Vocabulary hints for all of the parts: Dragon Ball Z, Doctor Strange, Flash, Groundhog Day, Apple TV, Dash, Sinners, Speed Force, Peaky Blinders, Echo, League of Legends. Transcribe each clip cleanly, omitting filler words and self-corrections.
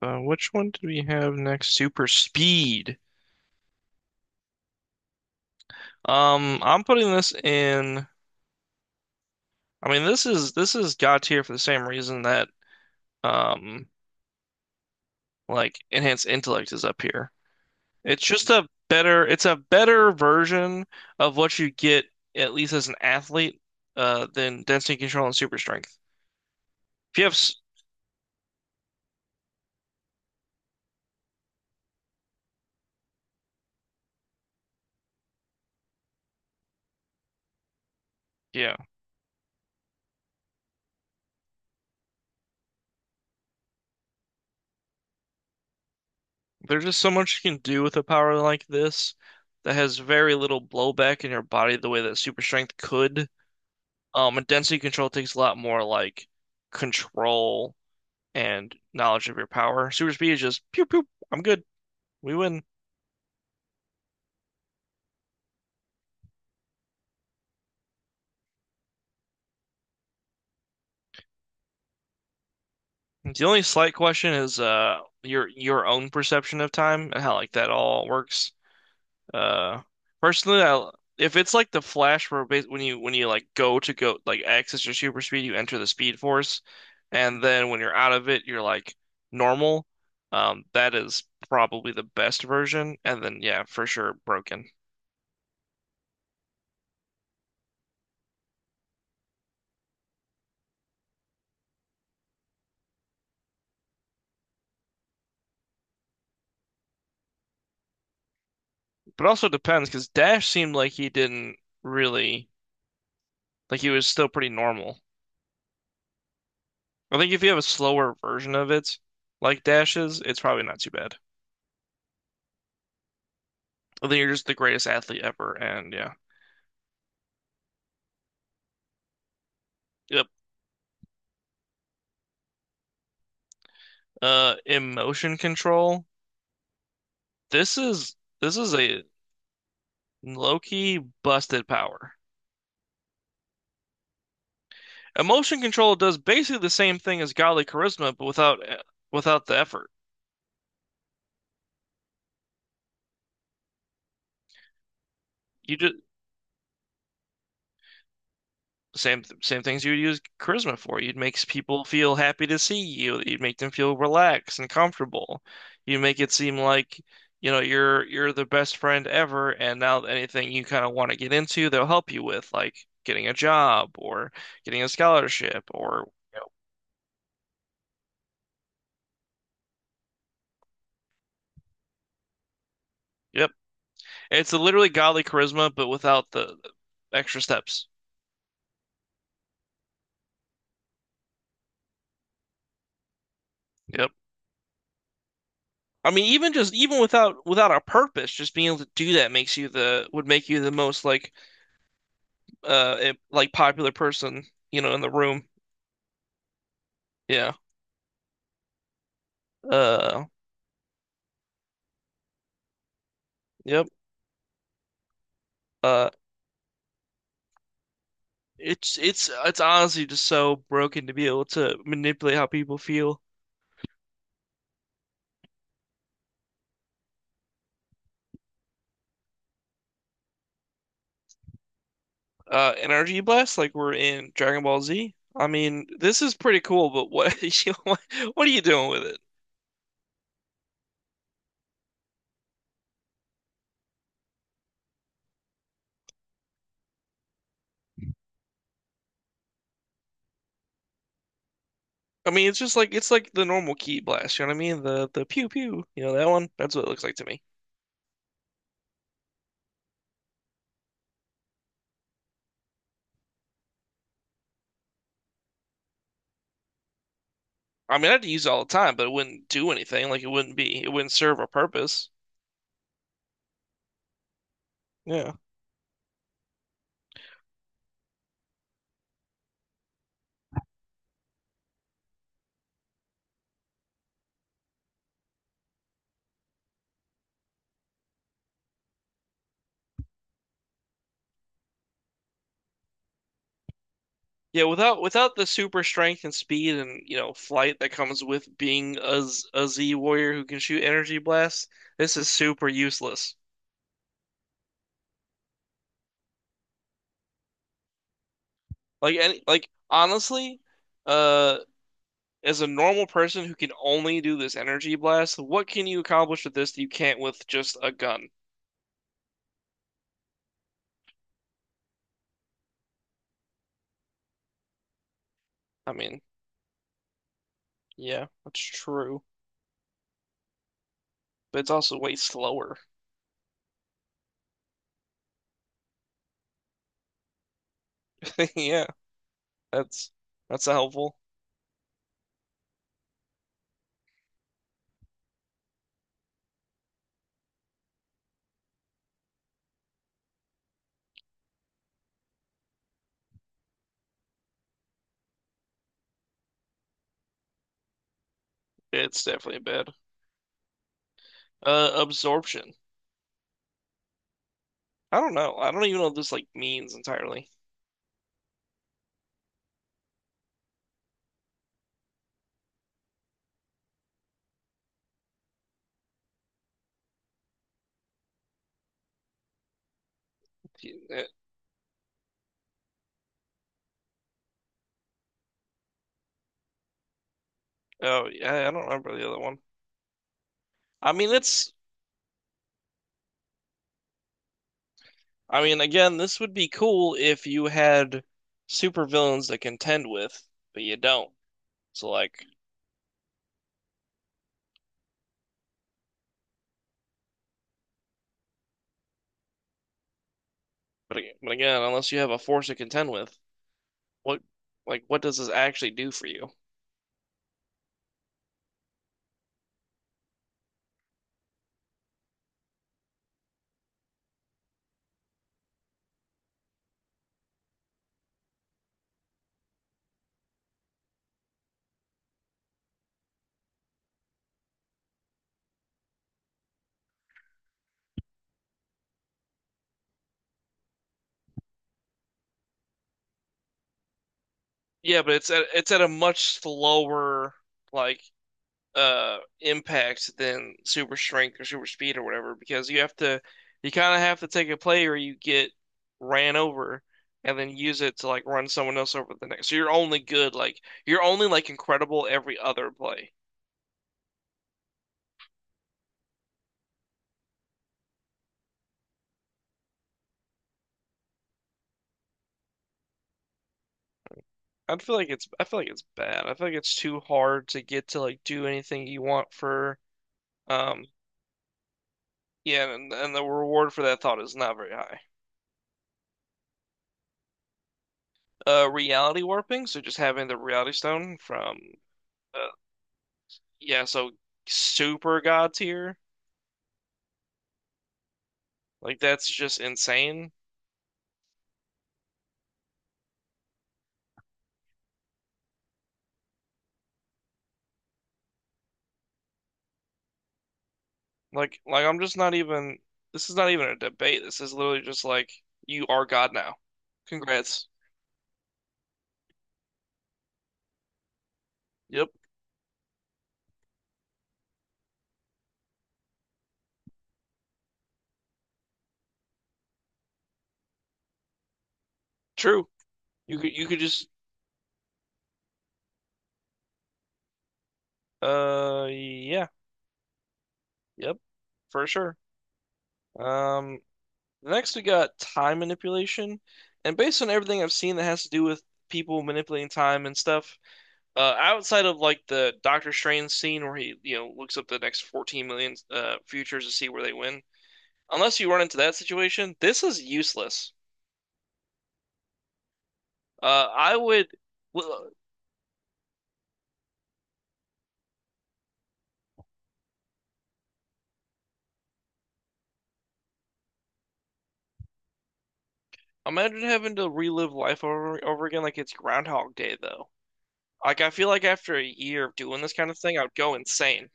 Which one did we have next? Super speed. I'm putting this in. I mean, this is God tier for the same reason that um, like enhanced intellect is up here. It's just a better. It's a better version of what you get at least as an athlete, than density control and super strength. If you have, s- yeah, there's just so much you can do with a power like this that has very little blowback in your body the way that super strength could. And density control takes a lot more like control and knowledge of your power. Super speed is just pew pew. I'm good. We win. The only slight question is your own perception of time and how like that all works. Uh, personally, I if it's like the Flash where bas when you like go to go like access your super speed, you enter the Speed Force, and then when you're out of it, you're like normal. That is probably the best version, and then yeah, for sure broken. But also depends because Dash seemed like he didn't really like he was still pretty normal. I think if you have a slower version of it, like Dash's, it's probably not too bad. I think you're just the greatest athlete ever, and yeah. Yep. Emotion control. This is this is a low-key busted power. Emotion control does basically the same thing as godly charisma, but without the effort. You just same things you would use charisma for. You'd make people feel happy to see you. You'd make them feel relaxed and comfortable. You make it seem like, you know, you're the best friend ever, and now anything you kind of want to get into, they'll help you with, like getting a job or getting a scholarship or yep. It's literally godly charisma, but without the extra steps. Yep. I mean, even without a purpose, just being able to do that makes you the would make you the most like like popular person, you know, in the room. Yeah. Uh yep. Uh it's honestly just so broken to be able to manipulate how people feel. Energy blast like we're in Dragon Ball Z. I mean, this is pretty cool, but what you know, what are you doing with it? I mean, it's just like it's like the normal key blast, you know what I mean? The pew pew, you know that one? That's what it looks like to me. I mean, I'd use it all the time, but it wouldn't do anything. Like it wouldn't serve a purpose. Yeah. Yeah, without the super strength and speed and you know flight that comes with being a Z warrior who can shoot energy blasts, this is super useless. Like any like honestly, uh, as a normal person who can only do this energy blast, what can you accomplish with this that you can't with just a gun? I mean, yeah, that's true, but it's also way slower. Yeah, that's not helpful. It's definitely bad. Absorption. I don't know. I don't even know what this like means entirely. Oh, yeah, I don't remember the other one. I mean, it's. I mean, again, this would be cool if you had supervillains to contend with, but you don't. So, like, but again, unless you have a force to contend with, what, like, what does this actually do for you? Yeah, but it's at a much slower, like, impact than super strength or super speed or whatever because you kind of have to take a play or you get ran over and then use it to like run someone else over the next. So you're only good like you're only like incredible every other play. I feel like it's bad. I feel like it's too hard to get to like do anything you want for um yeah, and the reward for that thought is not very high. Reality warping, so just having the reality stone from uh, yeah, so super god tier. Like that's just insane. Like I'm just not even . This is not even a debate. This is literally just like you are God now. Congrats. Yep. True. You could just yeah. Yep. For sure. Um next we got time manipulation. And based on everything I've seen that has to do with people manipulating time and stuff, outside of like the Doctor Strange scene where he, you know, looks up the next 14 million futures to see where they win unless you run into that situation, this is useless. I would well, imagine having to relive life over again like it's Groundhog Day, though. Like I feel like after a year of doing this kind of thing, I'd go insane.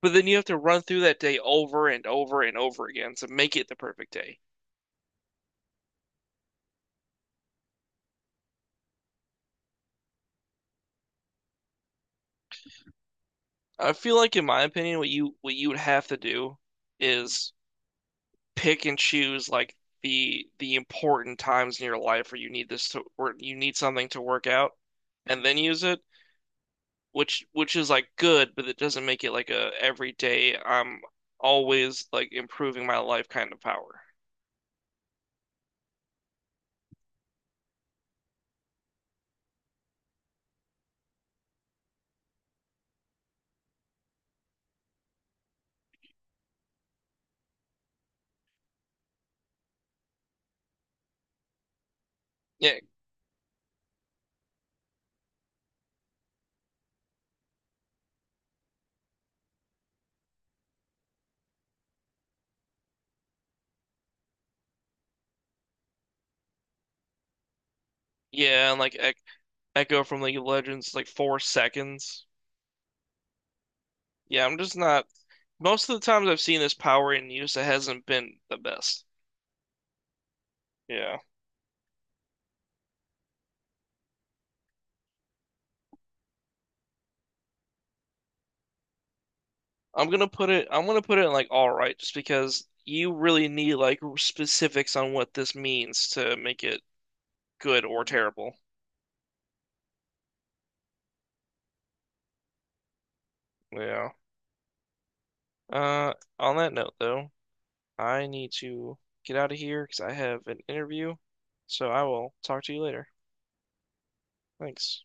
But then you have to run through that day over and over and over again to make it the perfect day. I feel like, in my opinion, what you would have to do is pick and choose like the important times in your life where you need this to where you need something to work out, and then use it which is like good, but it doesn't make it like a everyday I'm always like improving my life kind of power. Yeah, yeah, and like ec Echo from League of Legends is like 4 seconds. Yeah, I'm just not. Most of the times I've seen this power in use, it hasn't been the best. Yeah, I'm gonna put it in like all right, just because you really need like specifics on what this means to make it good or terrible. Yeah. Uh, on that note though, I need to get out of here because I have an interview. So I will talk to you later. Thanks.